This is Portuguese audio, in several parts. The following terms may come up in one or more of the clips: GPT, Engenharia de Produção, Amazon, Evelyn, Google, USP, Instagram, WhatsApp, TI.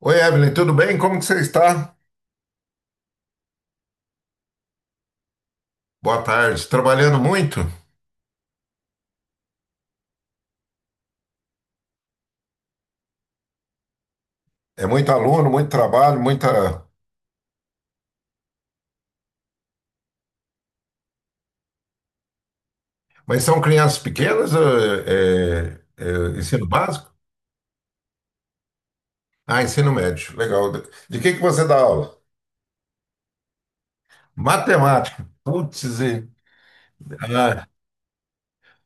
Oi, Evelyn, tudo bem? Como que você está? Boa tarde. Trabalhando muito? É muito aluno, muito trabalho, muita. Mas são crianças pequenas? Ensino básico? Ah, ensino médio. Legal. De que você dá aula? Matemática. Putzah.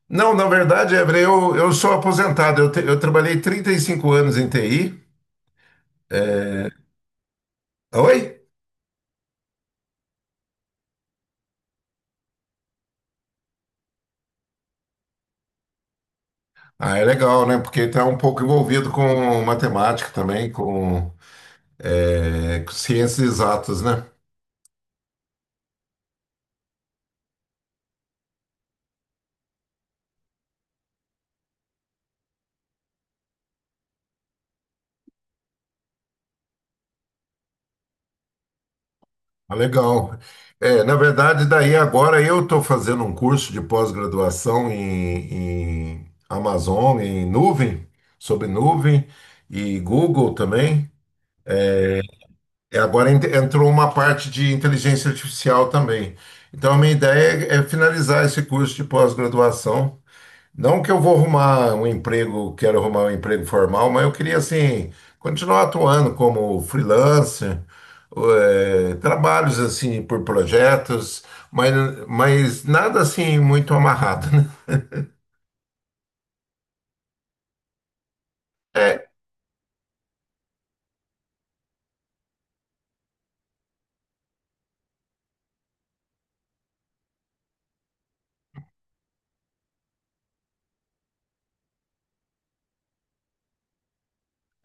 Não, na verdade, Evelyn, eu sou aposentado. Eu trabalhei 35 anos em TI. Oi? Ah, é legal, né? Porque está um pouco envolvido com matemática também, com ciências exatas, né? Ah, legal. É, na verdade, daí agora eu estou fazendo um curso de pós-graduação em Amazon, em nuvem, sobre nuvem e Google também. E agora entrou uma parte de inteligência artificial também. Então, a minha ideia é finalizar esse curso de pós-graduação. Não que eu vou arrumar um emprego, quero arrumar um emprego formal, mas eu queria, assim, continuar atuando como freelancer, trabalhos, assim, por projetos, mas, mas nada, assim, muito amarrado, né? É,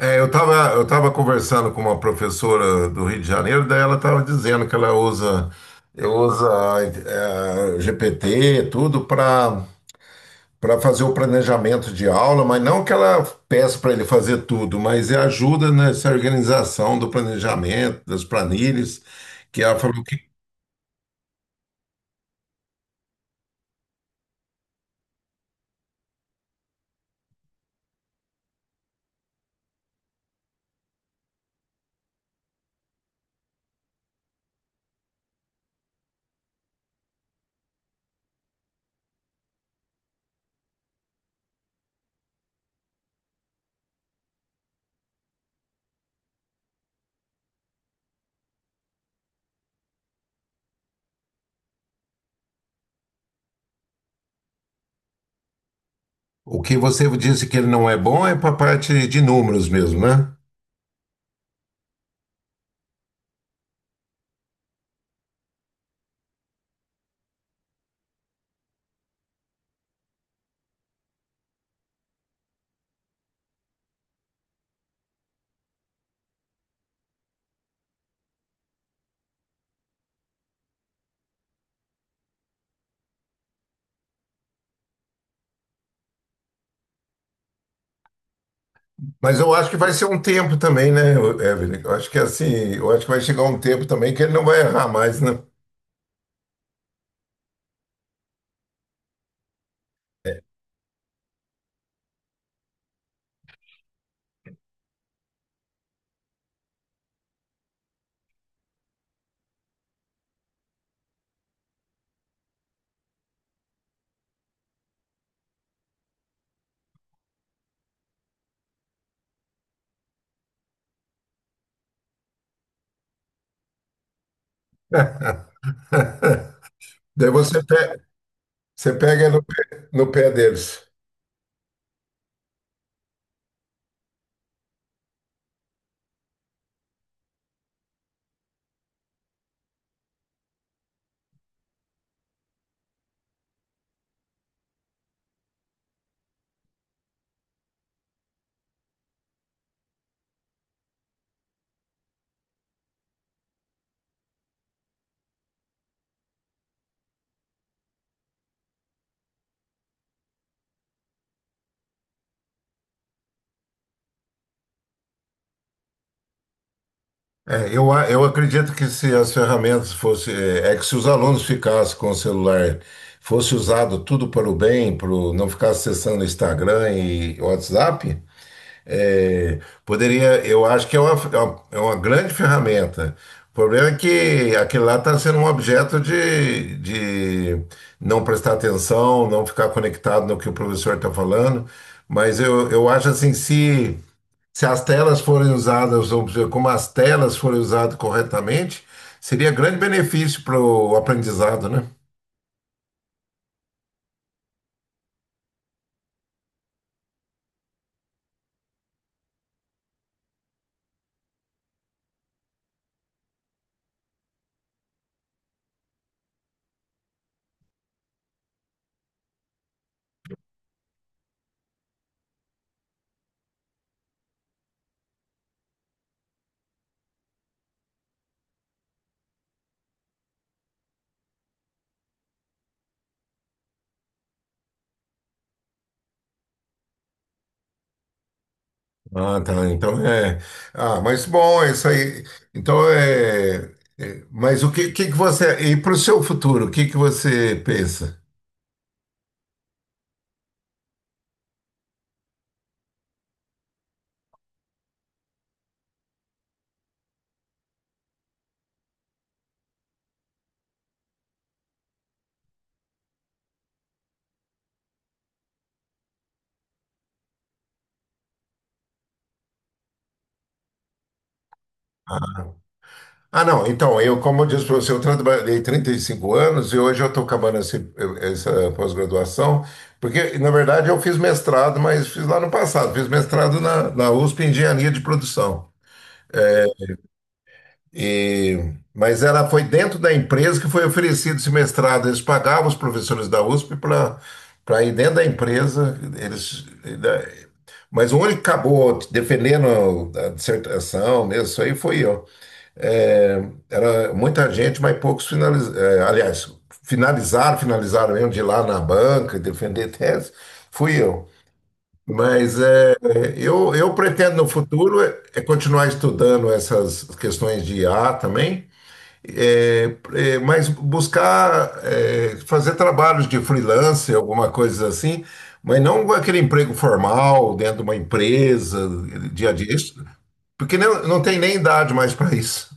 eu tava conversando com uma professora do Rio de Janeiro, daí ela estava dizendo que ela usa, GPT, tudo, para fazer o planejamento de aula, mas não que ela peça para ele fazer tudo, mas é ajuda nessa organização do planejamento, das planilhas, que ela falou que. O que você disse que ele não é bom é para a parte de números mesmo, né? Mas eu acho que vai ser um tempo também, né, Evelyn? Eu acho que assim, eu acho que vai chegar um tempo também que ele não vai errar mais, né? Daí você pega no pé, no pé deles. É, eu acredito que se as ferramentas fossem. É, é que se os alunos ficassem com o celular, fosse usado tudo para o bem, não ficar acessando Instagram e WhatsApp, é, poderia. Eu acho que é uma grande ferramenta. O problema é que aquilo lá está sendo um objeto de não prestar atenção, não ficar conectado no que o professor está falando. Mas eu acho assim, se. Se as telas forem usadas, ou seja, como as telas forem usadas corretamente, seria grande benefício para o aprendizado, né? Ah, tá. Então é. Ah, mas bom, é isso aí. Então é. Mas o que, que você. E para o seu futuro, o que que você pensa? Ah, não. Então, eu, como eu disse para você, eu trabalhei 35 anos e hoje eu estou acabando essa pós-graduação, porque, na verdade, eu fiz mestrado, mas fiz lá no passado, fiz mestrado na USP em Engenharia de Produção. E, mas ela foi dentro da empresa que foi oferecido esse mestrado. Eles pagavam os professores da USP para ir dentro da empresa. Eles, né, mas o único que acabou defendendo a dissertação mesmo, isso aí foi eu. É, era muita gente, mas poucos finalizaram. Aliás, finalizaram, finalizaram mesmo de ir lá na banca, e defender tese, fui eu. Mas é, eu pretendo no futuro é continuar estudando essas questões de IA também. Mas buscar é, fazer trabalhos de freelance, alguma coisa assim, mas não aquele emprego formal dentro de uma empresa, dia a dia, isso- porque não, não tem nem idade mais para isso.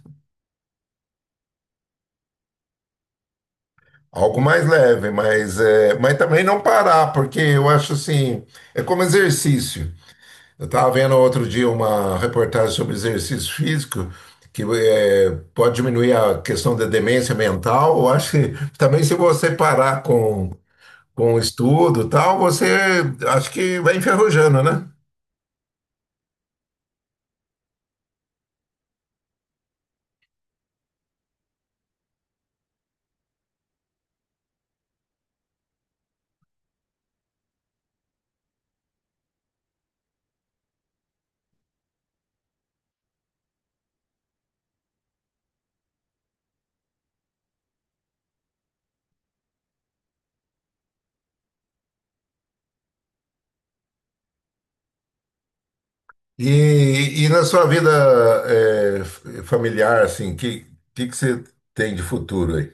Algo mais leve, mas também não parar, porque eu acho assim, é como exercício. Eu estava vendo outro dia uma reportagem sobre exercício físico, que pode diminuir a questão da demência mental. Eu acho que também se você parar com o estudo e tal, você acho que vai enferrujando, né? E na sua vida familiar, assim, que que você tem de futuro aí?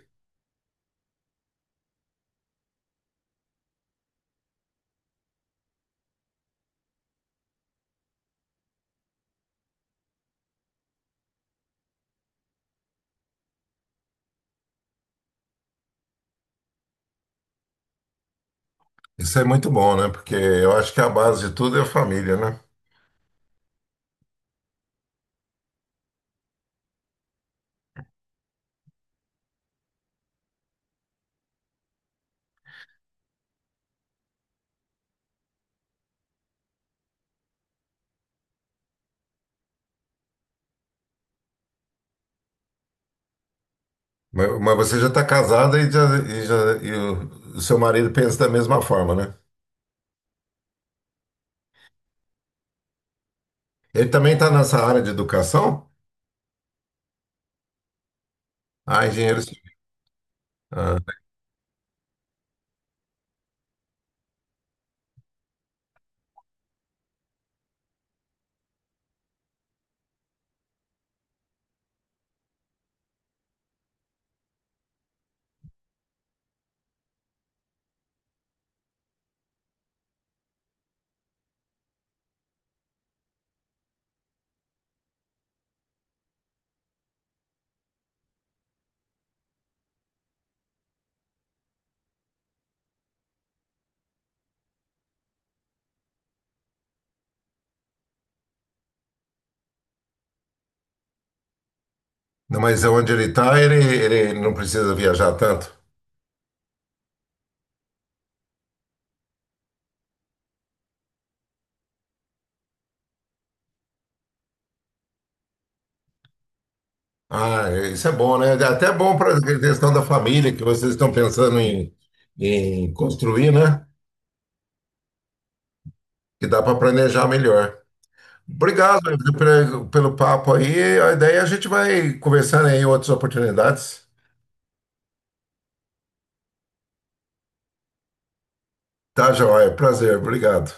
Isso é muito bom, né? Porque eu acho que a base de tudo é a família, né? Mas você já está casada e o seu marido pensa da mesma forma, né? Ele também está nessa área de educação? Ah, engenheiro civil. Ah, não, mas onde ele está, ele não precisa viajar tanto. Ah, isso é bom, né? É até bom para a questão da família que vocês estão pensando em construir, né? Que dá para planejar melhor. Obrigado pelo papo aí. A ideia é a gente vai conversando aí em outras oportunidades. Tá, joia. Prazer. Obrigado.